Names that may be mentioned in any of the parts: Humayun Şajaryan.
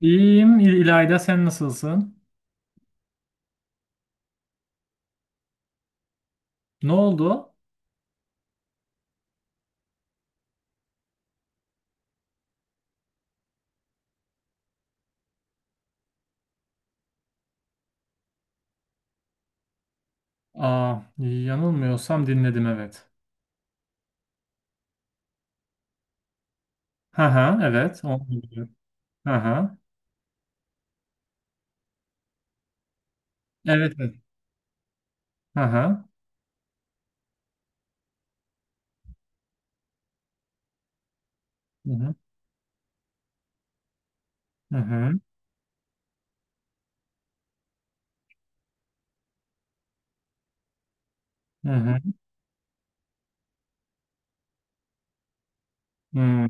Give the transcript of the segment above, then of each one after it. İyiyim İlayda, sen nasılsın? Ne oldu? Aa, yanılmıyorsam dinledim, evet. Hı hı, evet. Onu biliyorum. Hı hı. Evet, evet. Hı hı. Hı hı. Hı hı. Hı hı. Hmm,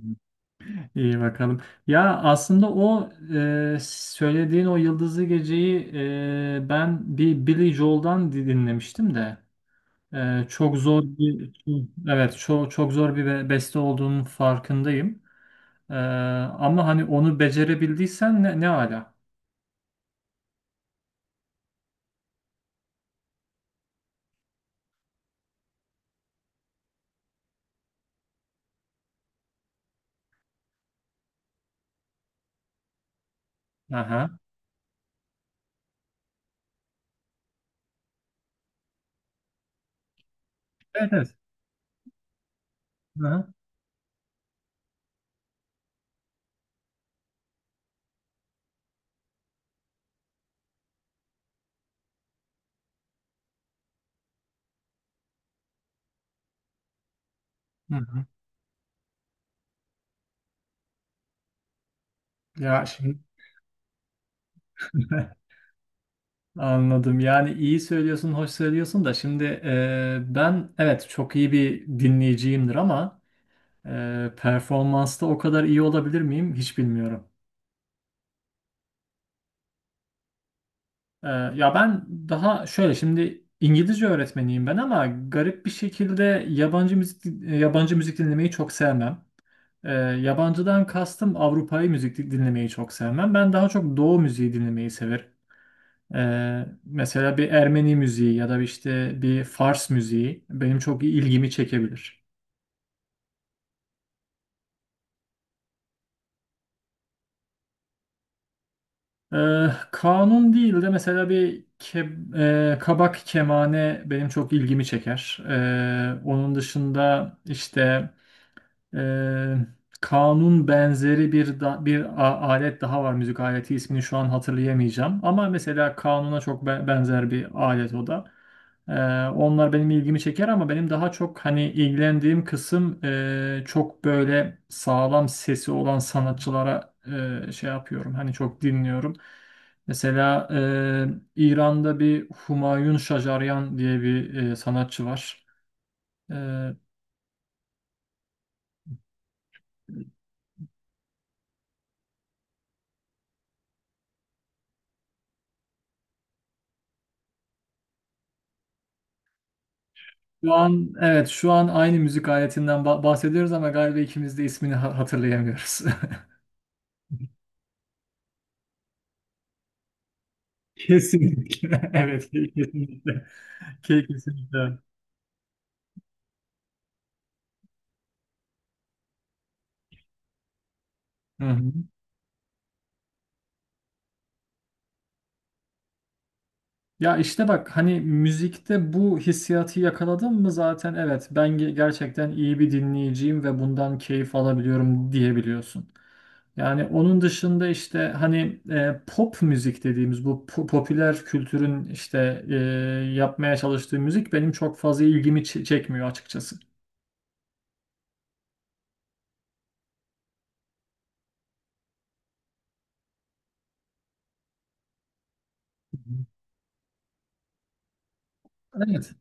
İyi bakalım. Ya aslında o söylediğin o Yıldızlı Gece'yi ben bir Billy Joel'dan dinlemiştim de çok zor bir, evet, çok çok zor bir beste olduğunun farkındayım. Ee, ama hani onu becerebildiysen ne ala. Aha. Evet, evet. Aha. Hı hı. Ya şimdi anladım. Yani iyi söylüyorsun, hoş söylüyorsun da şimdi ben, evet, çok iyi bir dinleyiciyimdir ama performansta o kadar iyi olabilir miyim hiç bilmiyorum. Ya ben daha şöyle şimdi İngilizce öğretmeniyim ben ama garip bir şekilde yabancı müzik dinlemeyi çok sevmem. Yabancıdan kastım Avrupa'yı müzik dinlemeyi çok sevmem. Ben daha çok Doğu müziği dinlemeyi severim. Mesela bir Ermeni müziği ya da işte bir Fars müziği benim çok ilgimi çekebilir. Kanun değil de mesela kabak kemane benim çok ilgimi çeker. Onun dışında işte. Ee, kanun benzeri bir alet daha var, müzik aleti ismini şu an hatırlayamayacağım ama mesela kanuna çok benzer bir alet o da. Ee, onlar benim ilgimi çeker ama benim daha çok hani ilgilendiğim kısım çok böyle sağlam sesi olan sanatçılara şey yapıyorum, hani çok dinliyorum. Mesela İran'da bir Humayun Şajaryan diye bir sanatçı var. E, Şu an, evet, şu an aynı müzik aletinden bahsediyoruz ama galiba ikimiz de ismini hatırlayamıyoruz. Kesinlikle. Evet, kesinlikle. Kesinlikle. Hı hı. Ya işte bak hani müzikte bu hissiyatı yakaladım mı zaten, evet, ben gerçekten iyi bir dinleyiciyim ve bundan keyif alabiliyorum diyebiliyorsun. Yani onun dışında işte hani pop müzik dediğimiz bu popüler kültürün işte yapmaya çalıştığı müzik benim çok fazla ilgimi çekmiyor açıkçası. Evet.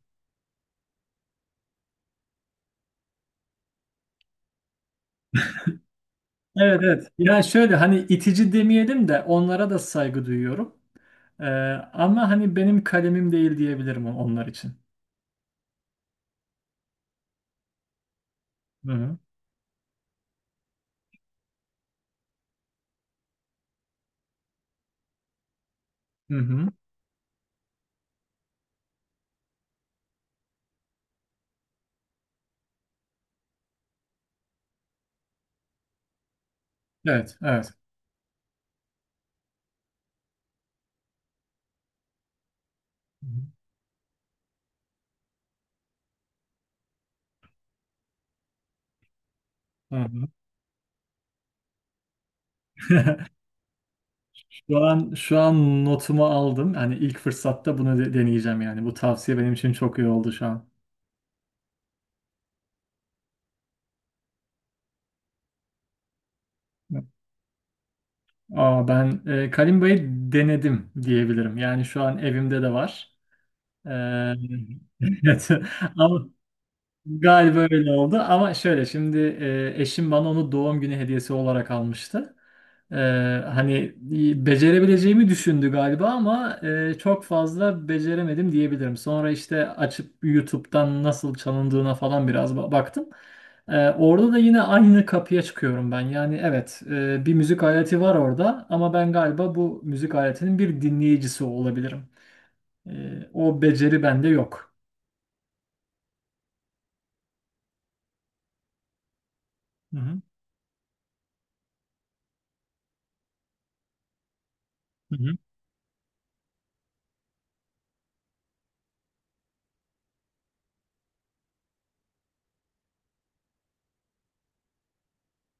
Evet, evet. Yani şöyle hani itici demeyelim de onlara da saygı duyuyorum. E, ama hani benim kalemim değil diyebilirim onlar için. Hı hı. Hı hı. Evet, evet. Hı hı. Şu an notumu aldım. Hani ilk fırsatta bunu deneyeceğim yani. Bu tavsiye benim için çok iyi oldu şu an. Aa, ben Kalimba'yı denedim diyebilirim. Yani şu an evimde de var. Ee, evet. Ama galiba öyle oldu. Ama şöyle şimdi eşim bana onu doğum günü hediyesi olarak almıştı. Ee, hani becerebileceğimi düşündü galiba ama çok fazla beceremedim diyebilirim. Sonra işte açıp YouTube'dan nasıl çalındığına falan biraz baktım. Orada da yine aynı kapıya çıkıyorum ben. Yani, evet, bir müzik aleti var orada ama ben galiba bu müzik aletinin bir dinleyicisi olabilirim. O beceri bende yok. Hı hı. Hı hı.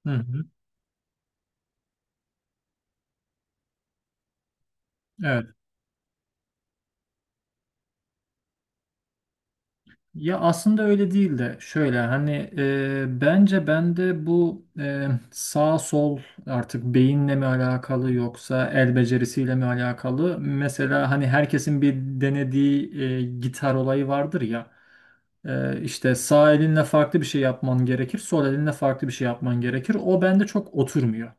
Hı hı. Evet. Ya aslında öyle değil de şöyle hani bence bende bu sağ sol artık beyinle mi alakalı yoksa el becerisiyle mi alakalı? Mesela hani herkesin bir denediği gitar olayı vardır ya. E, işte sağ elinle farklı bir şey yapman gerekir, sol elinle farklı bir şey yapman gerekir. O bende çok oturmuyor.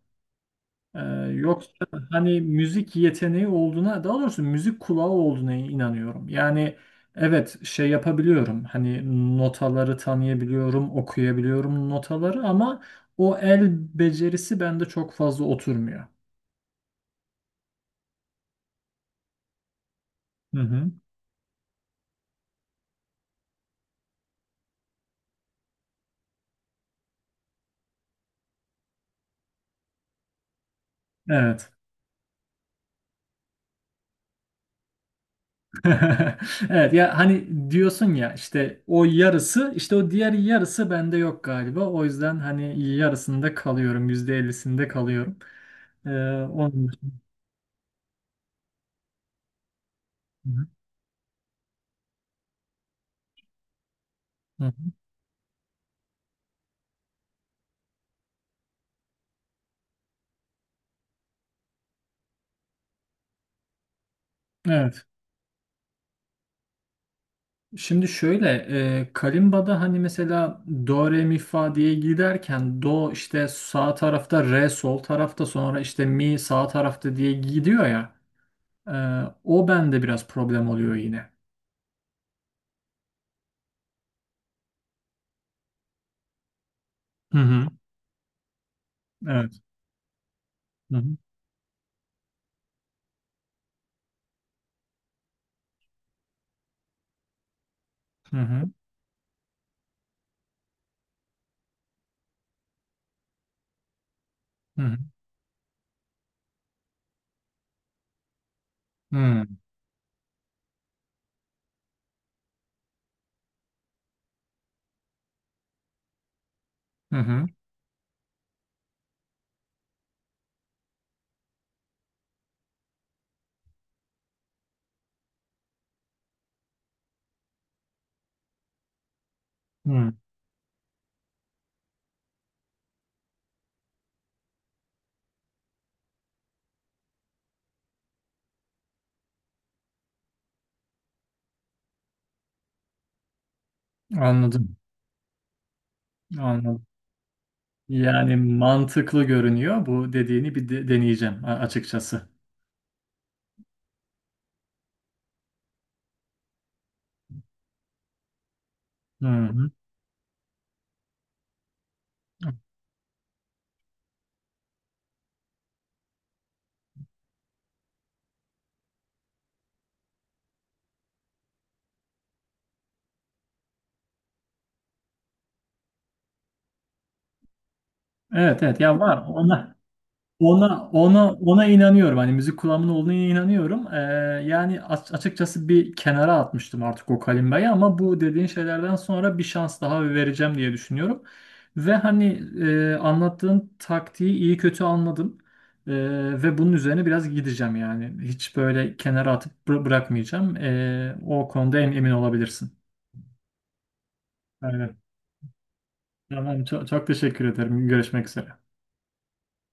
Ee, yoksa hani müzik yeteneği olduğuna, daha doğrusu müzik kulağı olduğuna inanıyorum. Yani, evet, şey yapabiliyorum. Hani notaları tanıyabiliyorum, okuyabiliyorum notaları ama o el becerisi bende çok fazla oturmuyor. Hı hı. Evet. Evet ya hani diyorsun ya işte o yarısı işte o diğer yarısı bende yok galiba. O yüzden hani yarısında kalıyorum. %50'sinde kalıyorum. Ee, onun için. Hı hı. Hı hı. Evet. Şimdi şöyle Kalimba'da hani mesela do re mi fa diye giderken do işte sağ tarafta, re sol tarafta, sonra işte mi sağ tarafta diye gidiyor ya e, o bende biraz problem oluyor yine. Hı hı. Evet. Hı hı. Hı hı. Hı hı. Hı hı. Hı. Anladım. Anladım. Yani mantıklı görünüyor. Bu dediğini bir deneyeceğim açıkçası. Hı hı. Evet, evet, ya var ona. Ona inanıyorum. Hani müzik kulağımın olduğuna inanıyorum. Yani açıkçası bir kenara atmıştım artık o kalimbayı ama bu dediğin şeylerden sonra bir şans daha vereceğim diye düşünüyorum. Ve hani anlattığın taktiği iyi kötü anladım. Ee, ve bunun üzerine biraz gideceğim yani. Hiç böyle kenara atıp bırakmayacağım. O konuda emin olabilirsin. Aynen. Tamam, çok, çok teşekkür ederim. Görüşmek üzere.